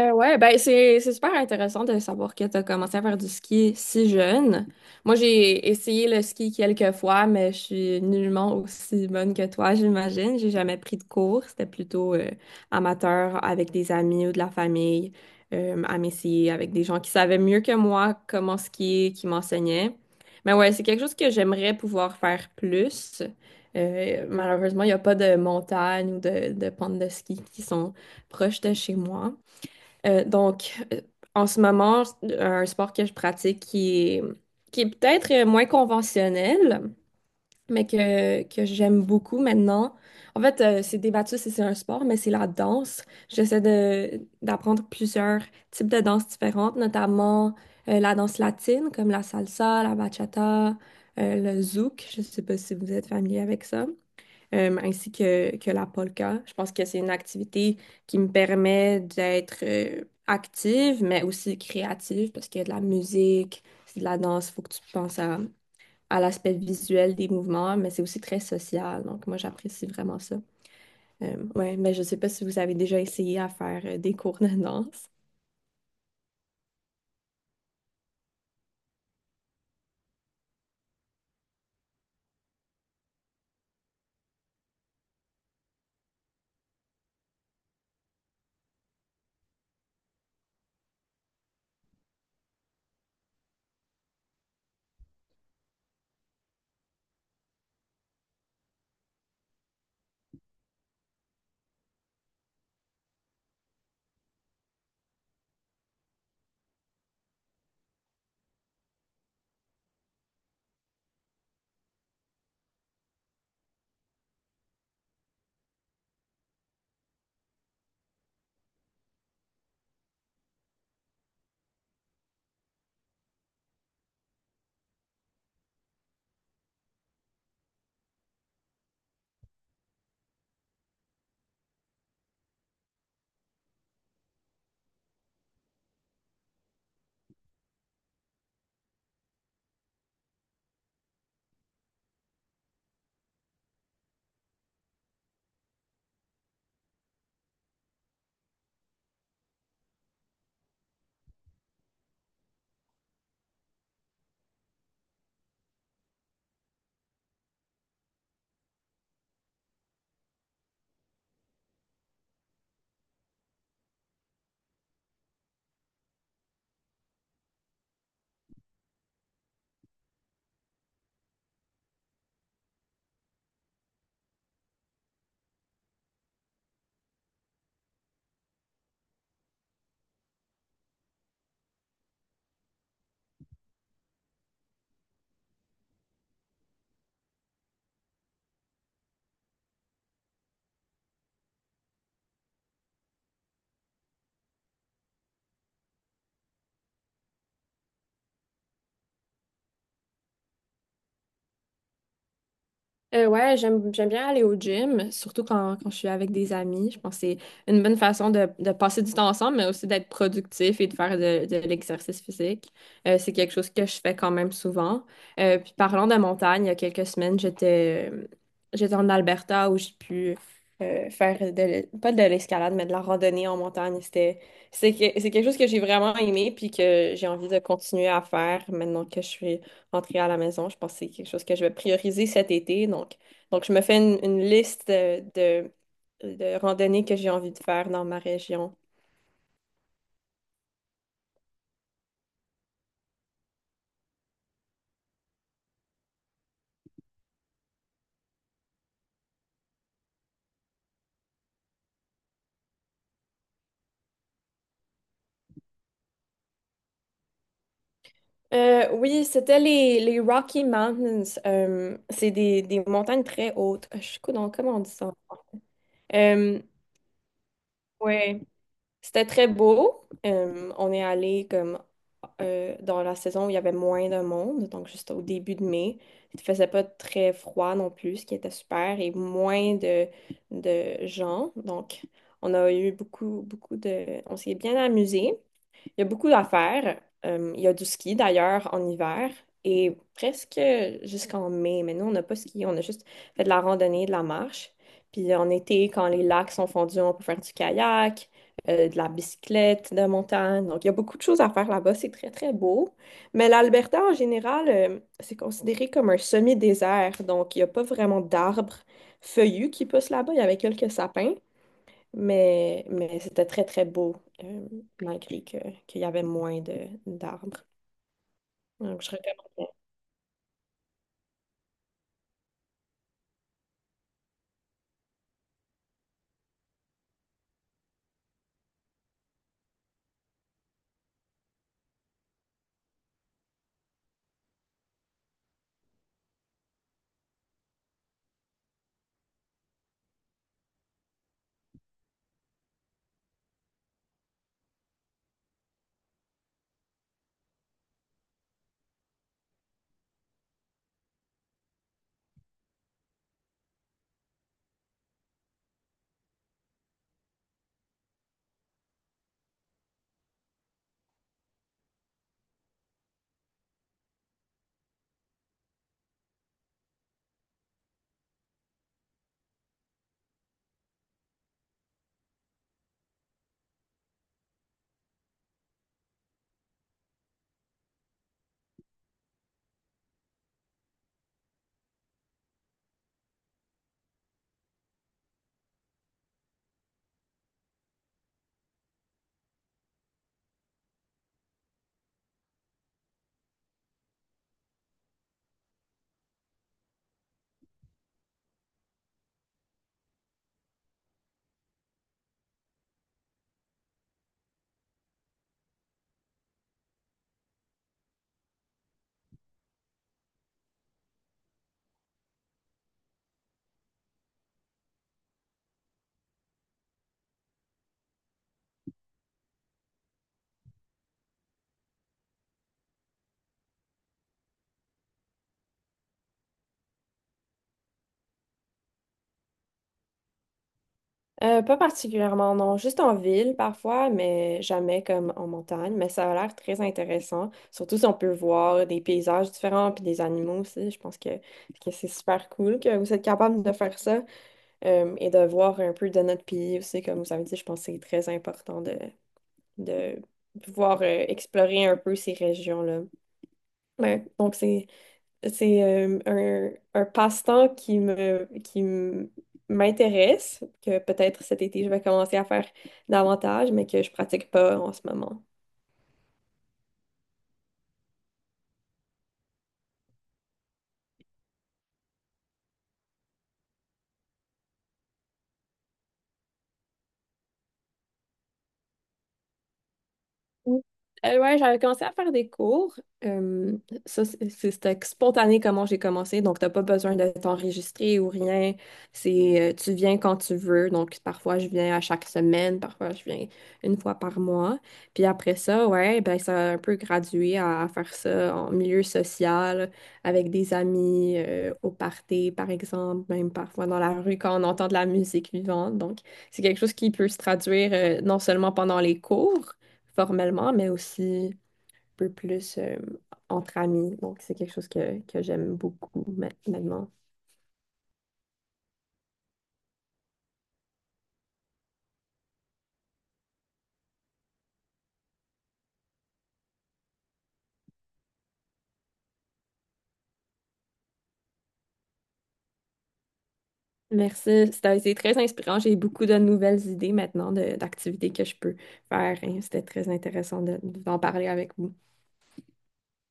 Ouais, ben c'est super intéressant de savoir que tu as commencé à faire du ski si jeune. Moi, j'ai essayé le ski quelques fois, mais je suis nullement aussi bonne que toi, j'imagine. J'ai jamais pris de cours. C'était plutôt amateur avec des amis ou de la famille, à m'essayer avec des gens qui savaient mieux que moi comment skier, qui m'enseignaient. Mais ouais, c'est quelque chose que j'aimerais pouvoir faire plus. Malheureusement, il n'y a pas de montagne ou de pentes de ski qui sont proches de chez moi. Donc, en ce moment, un sport que je pratique qui est peut-être moins conventionnel, mais que j'aime beaucoup maintenant. En fait, c'est débattu si c'est un sport, mais c'est la danse. J'essaie d'apprendre plusieurs types de danses différentes, notamment la danse latine, comme la salsa, la bachata, le zouk. Je ne sais pas si vous êtes familier avec ça, ainsi que la polka. Je pense que c'est une activité qui me permet d'être active, mais aussi créative, parce qu'il y a de la musique, c'est de la danse, il faut que tu penses à l'aspect visuel des mouvements, mais c'est aussi très social. Donc, moi, j'apprécie vraiment ça. Ouais, mais je sais pas si vous avez déjà essayé à faire des cours de danse. Ouais, j'aime bien aller au gym, surtout quand je suis avec des amis. Je pense que c'est une bonne façon de passer du temps ensemble, mais aussi d'être productif et de faire de l'exercice physique. C'est quelque chose que je fais quand même souvent. Puis parlant de montagne, il y a quelques semaines, j'étais en Alberta où j'ai pu pas de l'escalade, mais de la randonnée en montagne. C'est quelque chose que j'ai vraiment aimé puis que j'ai envie de continuer à faire maintenant que je suis rentrer à la maison. Je pense que c'est quelque chose que je vais prioriser cet été. Donc, je me fais une liste de randonnées que j'ai envie de faire dans ma région. Oui, c'était les Rocky Mountains. C'est des montagnes très hautes. Je suis donc comment on dit ça? Euh, ouais. C'était très beau. On est allé comme dans la saison où il y avait moins de monde, donc juste au début de mai. Il faisait pas très froid non plus, ce qui était super, et moins de gens. Donc, on a eu beaucoup, beaucoup de... On s'est bien amusé. Il y a beaucoup à faire. Il y a du ski d'ailleurs en hiver et presque jusqu'en mai. Mais nous, on n'a pas ski, on a juste fait de la randonnée, de la marche. Puis en été, quand les lacs sont fondus, on peut faire du kayak, de la bicyclette de montagne. Donc, il y a beaucoup de choses à faire là-bas. C'est très, très beau. Mais l'Alberta, en général, c'est considéré comme un semi-désert. Donc, il n'y a pas vraiment d'arbres feuillus qui poussent là-bas. Il y avait quelques sapins. Mais c'était très, très beau, euh, malgré qu'il y avait moins d'arbres. Donc, je recommande. Pas particulièrement, non. Juste en ville parfois, mais jamais comme en montagne. Mais ça a l'air très intéressant. Surtout si on peut voir des paysages différents puis des animaux aussi. Je pense que c'est super cool que vous êtes capable de faire ça, et de voir un peu de notre pays aussi. Comme vous avez dit, je pense que c'est très important de pouvoir explorer un peu ces régions-là. Ouais, donc c'est un passe-temps qui me, qui m- m'intéresse, que peut-être cet été je vais commencer à faire davantage, mais que je pratique pas en ce moment. Oui. Ouais, j'avais commencé à faire des cours. C'était spontané comment j'ai commencé. Donc, t'as pas besoin d'être enregistré ou rien. C'est, tu viens quand tu veux. Donc, parfois, je viens à chaque semaine, parfois, je viens une fois par mois. Puis après ça, ouais, ben, ça a un peu gradué à faire ça en milieu social, avec des amis, au party, par exemple, même parfois dans la rue quand on entend de la musique vivante. Donc, c'est quelque chose qui peut se traduire, non seulement pendant les cours, formellement, mais aussi un peu plus entre amis. Donc, c'est quelque chose que j'aime beaucoup maintenant. Merci, c'est très inspirant. J'ai beaucoup de nouvelles idées maintenant d'activités que je peux faire, hein. C'était très intéressant d'en parler avec vous.